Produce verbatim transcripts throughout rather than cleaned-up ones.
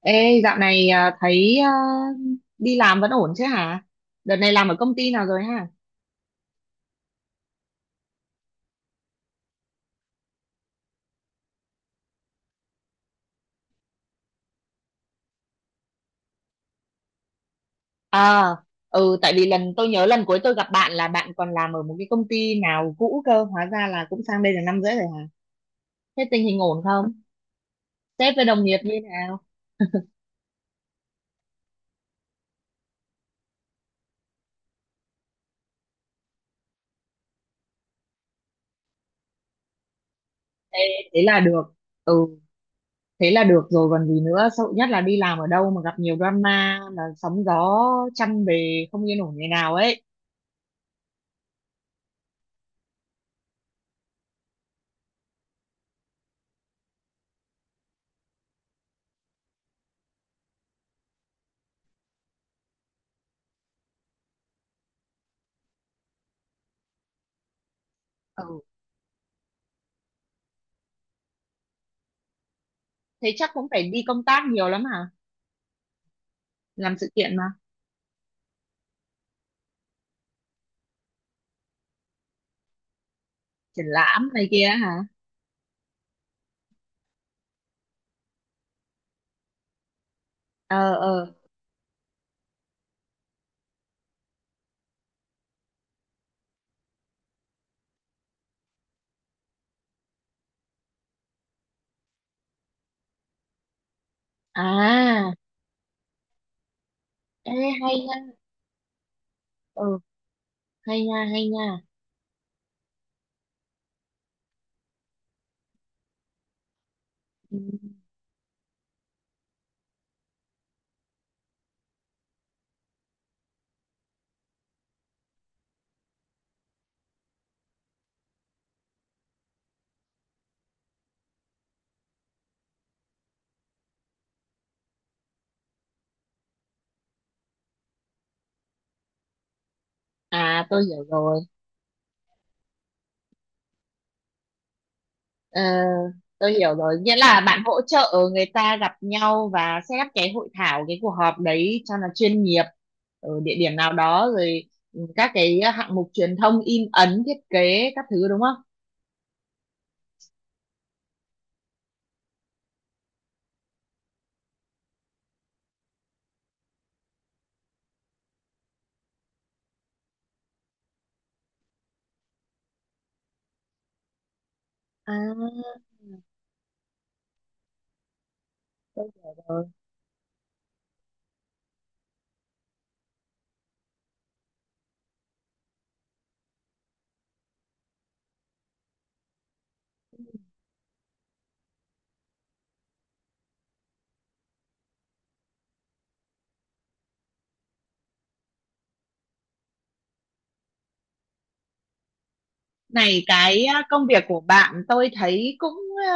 Ê, dạo này à, thấy à, đi làm vẫn ổn chứ hả? Đợt này làm ở công ty nào rồi hả? À, ừ, tại vì lần tôi nhớ lần cuối tôi gặp bạn là bạn còn làm ở một cái công ty nào cũ cơ, hóa ra là cũng sang đây được năm rưỡi rồi hả? Thế tình hình ổn không? Sếp với đồng nghiệp như thế nào? Ê, thế là được. Ừ, thế là được rồi còn gì nữa, sợ nhất là đi làm ở đâu mà gặp nhiều drama, là sóng gió trăm bề không yên ổn ngày nào ấy. Ừ, thế chắc cũng phải đi công tác nhiều lắm hả? Làm sự kiện mà, triển lãm này kia hả? Ờ, ờ. À. Ê, hay nha. Ừ, hay nha, hay nha. Ừ. À, tôi hiểu rồi. ờ, tôi hiểu rồi, nghĩa là bạn hỗ trợ người ta gặp nhau và set up cái hội thảo, cái cuộc họp đấy cho nó chuyên nghiệp ở địa điểm nào đó rồi. Ừ, các cái hạng mục truyền thông in ấn thiết kế các thứ đúng không? À, tôi hiểu rồi. Này, cái ờ, công việc của bạn tôi thấy cũng ờ,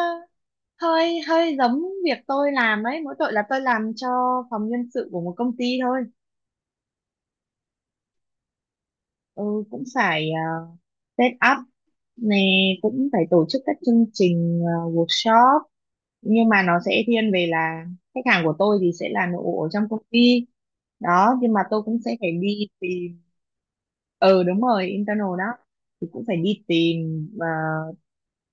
hơi hơi giống việc tôi làm ấy, mỗi tội là tôi làm cho phòng nhân sự của một công ty thôi. Ừ, cũng phải uh, set up nè, cũng phải tổ chức các chương trình ờ, workshop, nhưng mà nó sẽ thiên về là khách hàng của tôi thì sẽ là nội bộ ở trong công ty đó. Nhưng mà tôi cũng sẽ phải đi tìm. Ừ, đúng rồi, internal đó. Thì cũng phải đi tìm ờ,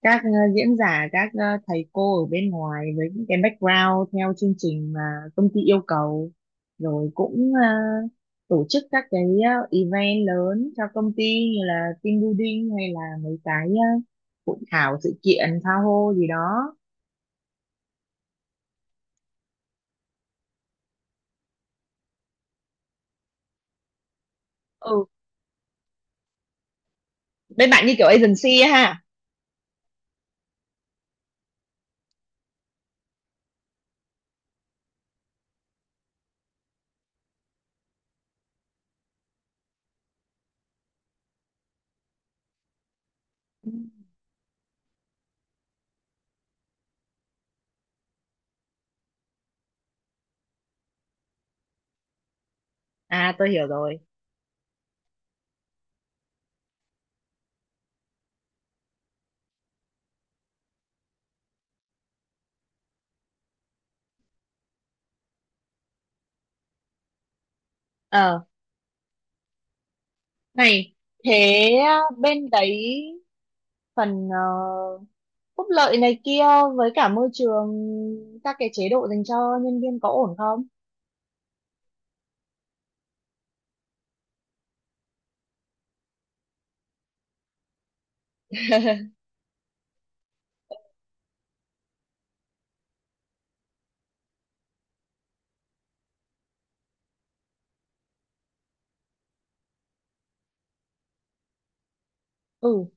các ờ, diễn giả các ờ, thầy cô ở bên ngoài với những cái background theo chương trình mà công ty yêu cầu, rồi cũng à, tổ chức các cái ờ, event lớn cho công ty như là team building hay là mấy cái ờ, hội thảo sự kiện tha hô gì đó. Ừ, bên bạn như kiểu agency ấy ha. Ừ. À, tôi hiểu rồi. ờ Này, thế uh, bên đấy phần ờ, phúc lợi này kia với cả môi trường, các cái chế độ dành cho nhân viên có ổn không? Ừ.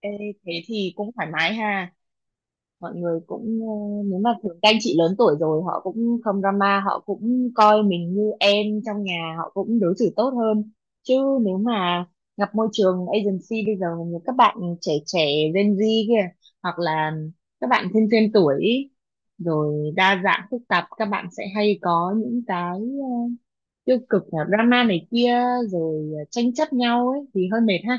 Ê, thế thì cũng thoải mái ha, mọi người cũng ờ, nếu mà thường các anh chị lớn tuổi rồi họ cũng không drama, họ cũng coi mình như em trong nhà, họ cũng đối xử tốt hơn. Chứ nếu mà gặp môi trường agency bây giờ như các bạn trẻ trẻ Gen Z kia hoặc là các bạn thêm thêm tuổi ý, rồi đa dạng phức tạp các bạn sẽ hay có những cái ờ, tiêu cực là drama này kia, rồi ờ, tranh chấp nhau ấy thì hơi mệt ha.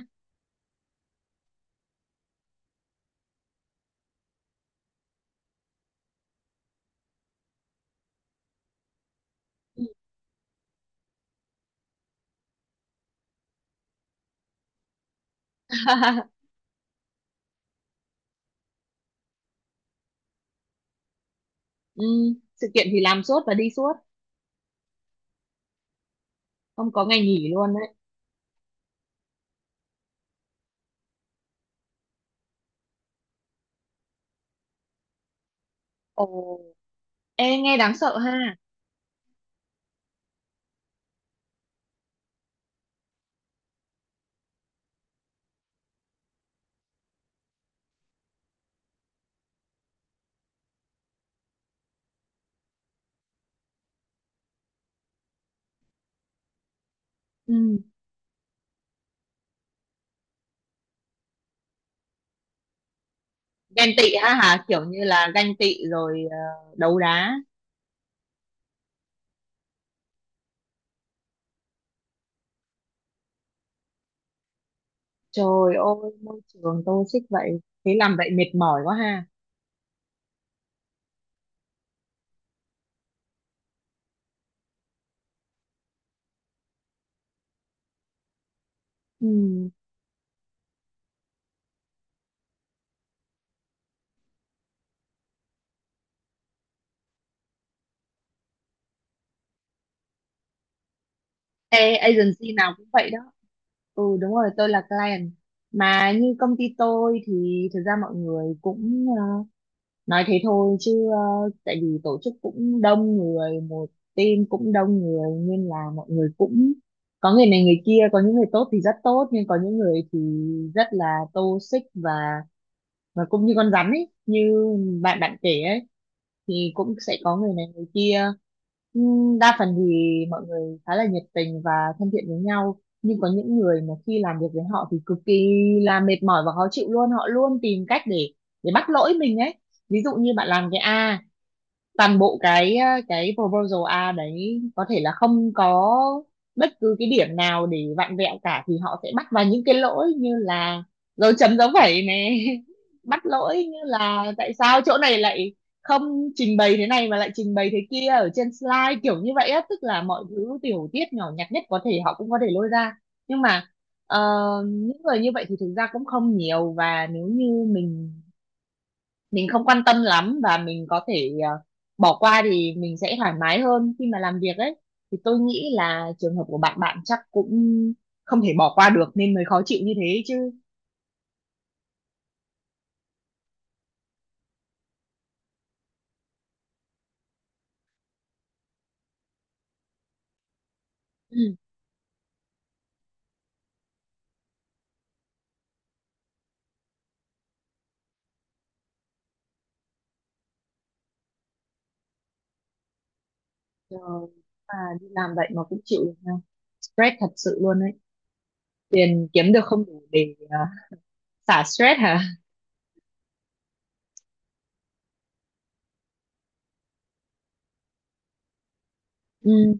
Ừ, sự kiện thì làm suốt và đi suốt, không có ngày nghỉ luôn á. Ồ, ê, nghe đáng sợ ha. Ừ. Ganh tị ha hả, kiểu như là ganh tị rồi ờ, đấu đá. Trời ơi, môi trường toxic vậy. Thế làm vậy mệt mỏi quá ha. Ừ. Ê, agency nào cũng vậy đó. Ừ, đúng rồi, tôi là client. Mà như công ty tôi thì thực ra mọi người cũng ờ, nói thế thôi chứ ờ, tại vì tổ chức cũng đông người, một team cũng đông người nên là mọi người cũng có người này người kia, có những người tốt thì rất tốt nhưng có những người thì rất là toxic và và cũng như con rắn ấy, như bạn bạn kể ấy, thì cũng sẽ có người này người kia. Ừm, đa phần thì mọi người khá là nhiệt tình và thân thiện với nhau, nhưng có những người mà khi làm việc với họ thì cực kỳ là mệt mỏi và khó chịu luôn, họ luôn tìm cách để để bắt lỗi mình ấy. Ví dụ như bạn làm cái A, toàn bộ cái ờ, cái proposal A đấy có thể là không có bất cứ cái điểm nào để vặn vẹo cả thì họ sẽ bắt vào những cái lỗi như là dấu chấm dấu phẩy này, bắt lỗi như là tại sao chỗ này lại không trình bày thế này mà lại trình bày thế kia ở trên slide, kiểu như vậy á, tức là mọi thứ tiểu tiết nhỏ nhặt nhất có thể họ cũng có thể lôi ra. Nhưng mà ờ, những người như vậy thì thực ra cũng không nhiều và nếu như mình mình không quan tâm lắm và mình có thể ờ, bỏ qua thì mình sẽ thoải mái hơn khi mà làm việc ấy. Thì tôi nghĩ là trường hợp của bạn bạn chắc cũng không thể bỏ qua được nên mới khó chịu như thế chứ. Ừ. Ờ, mà đi làm vậy mà cũng chịu được ha. Stress thật sự luôn ấy, tiền kiếm được không đủ để ờ, xả stress hả. Ừ,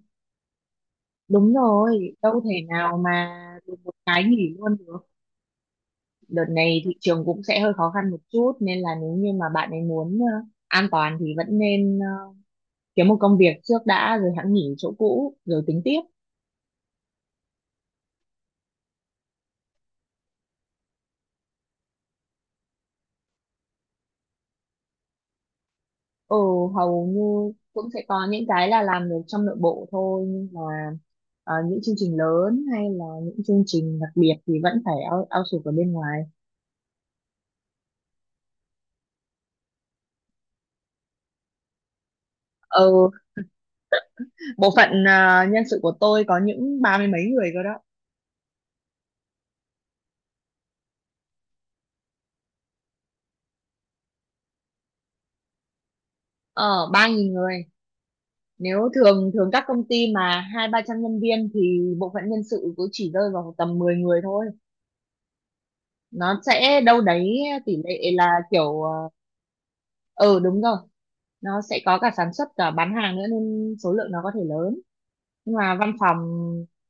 đúng rồi, đâu thể nào mà được một cái nghỉ luôn được. Đợt này thị trường cũng sẽ hơi khó khăn một chút nên là nếu như mà bạn ấy muốn ờ, an toàn thì vẫn nên ờ, kiếm một công việc trước đã rồi hẵng nghỉ chỗ cũ rồi tính tiếp. Ừ. Hầu như cũng sẽ có những cái là làm được trong nội bộ thôi, nhưng mà ờ, những chương trình lớn hay là những chương trình đặc biệt thì vẫn phải out, outsource ở bên ngoài. Ừ. Bộ phận ờ, nhân sự của tôi có những ba mươi mấy người cơ đó. Ờ ba nghìn người. Nếu thường thường các công ty mà hai ba trăm nhân viên thì bộ phận nhân sự cũng chỉ rơi vào tầm mười người thôi. Nó sẽ đâu đấy, tỷ lệ là kiểu ờ, ừ đúng rồi, nó sẽ có cả sản xuất cả bán hàng nữa nên số lượng nó có thể lớn, nhưng mà văn phòng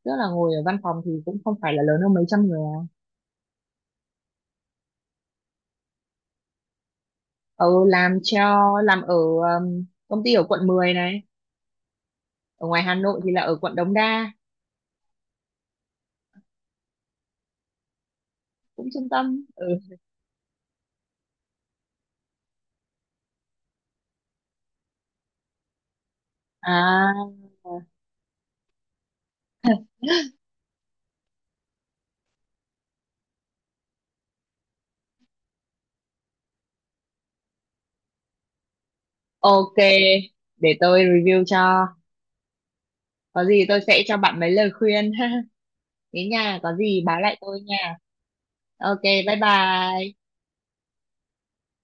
tức là ngồi ở văn phòng thì cũng không phải là lớn hơn mấy trăm người à. Ừ, làm cho làm ở um, công ty ở quận mười này, ở ngoài Hà Nội thì là ở quận Đống Đa, cũng trung tâm. Ừ. À, ok, để tôi review cho, có gì tôi sẽ cho bạn mấy lời khuyên. Thế nha, có gì báo lại tôi nha. Ok, bye bye.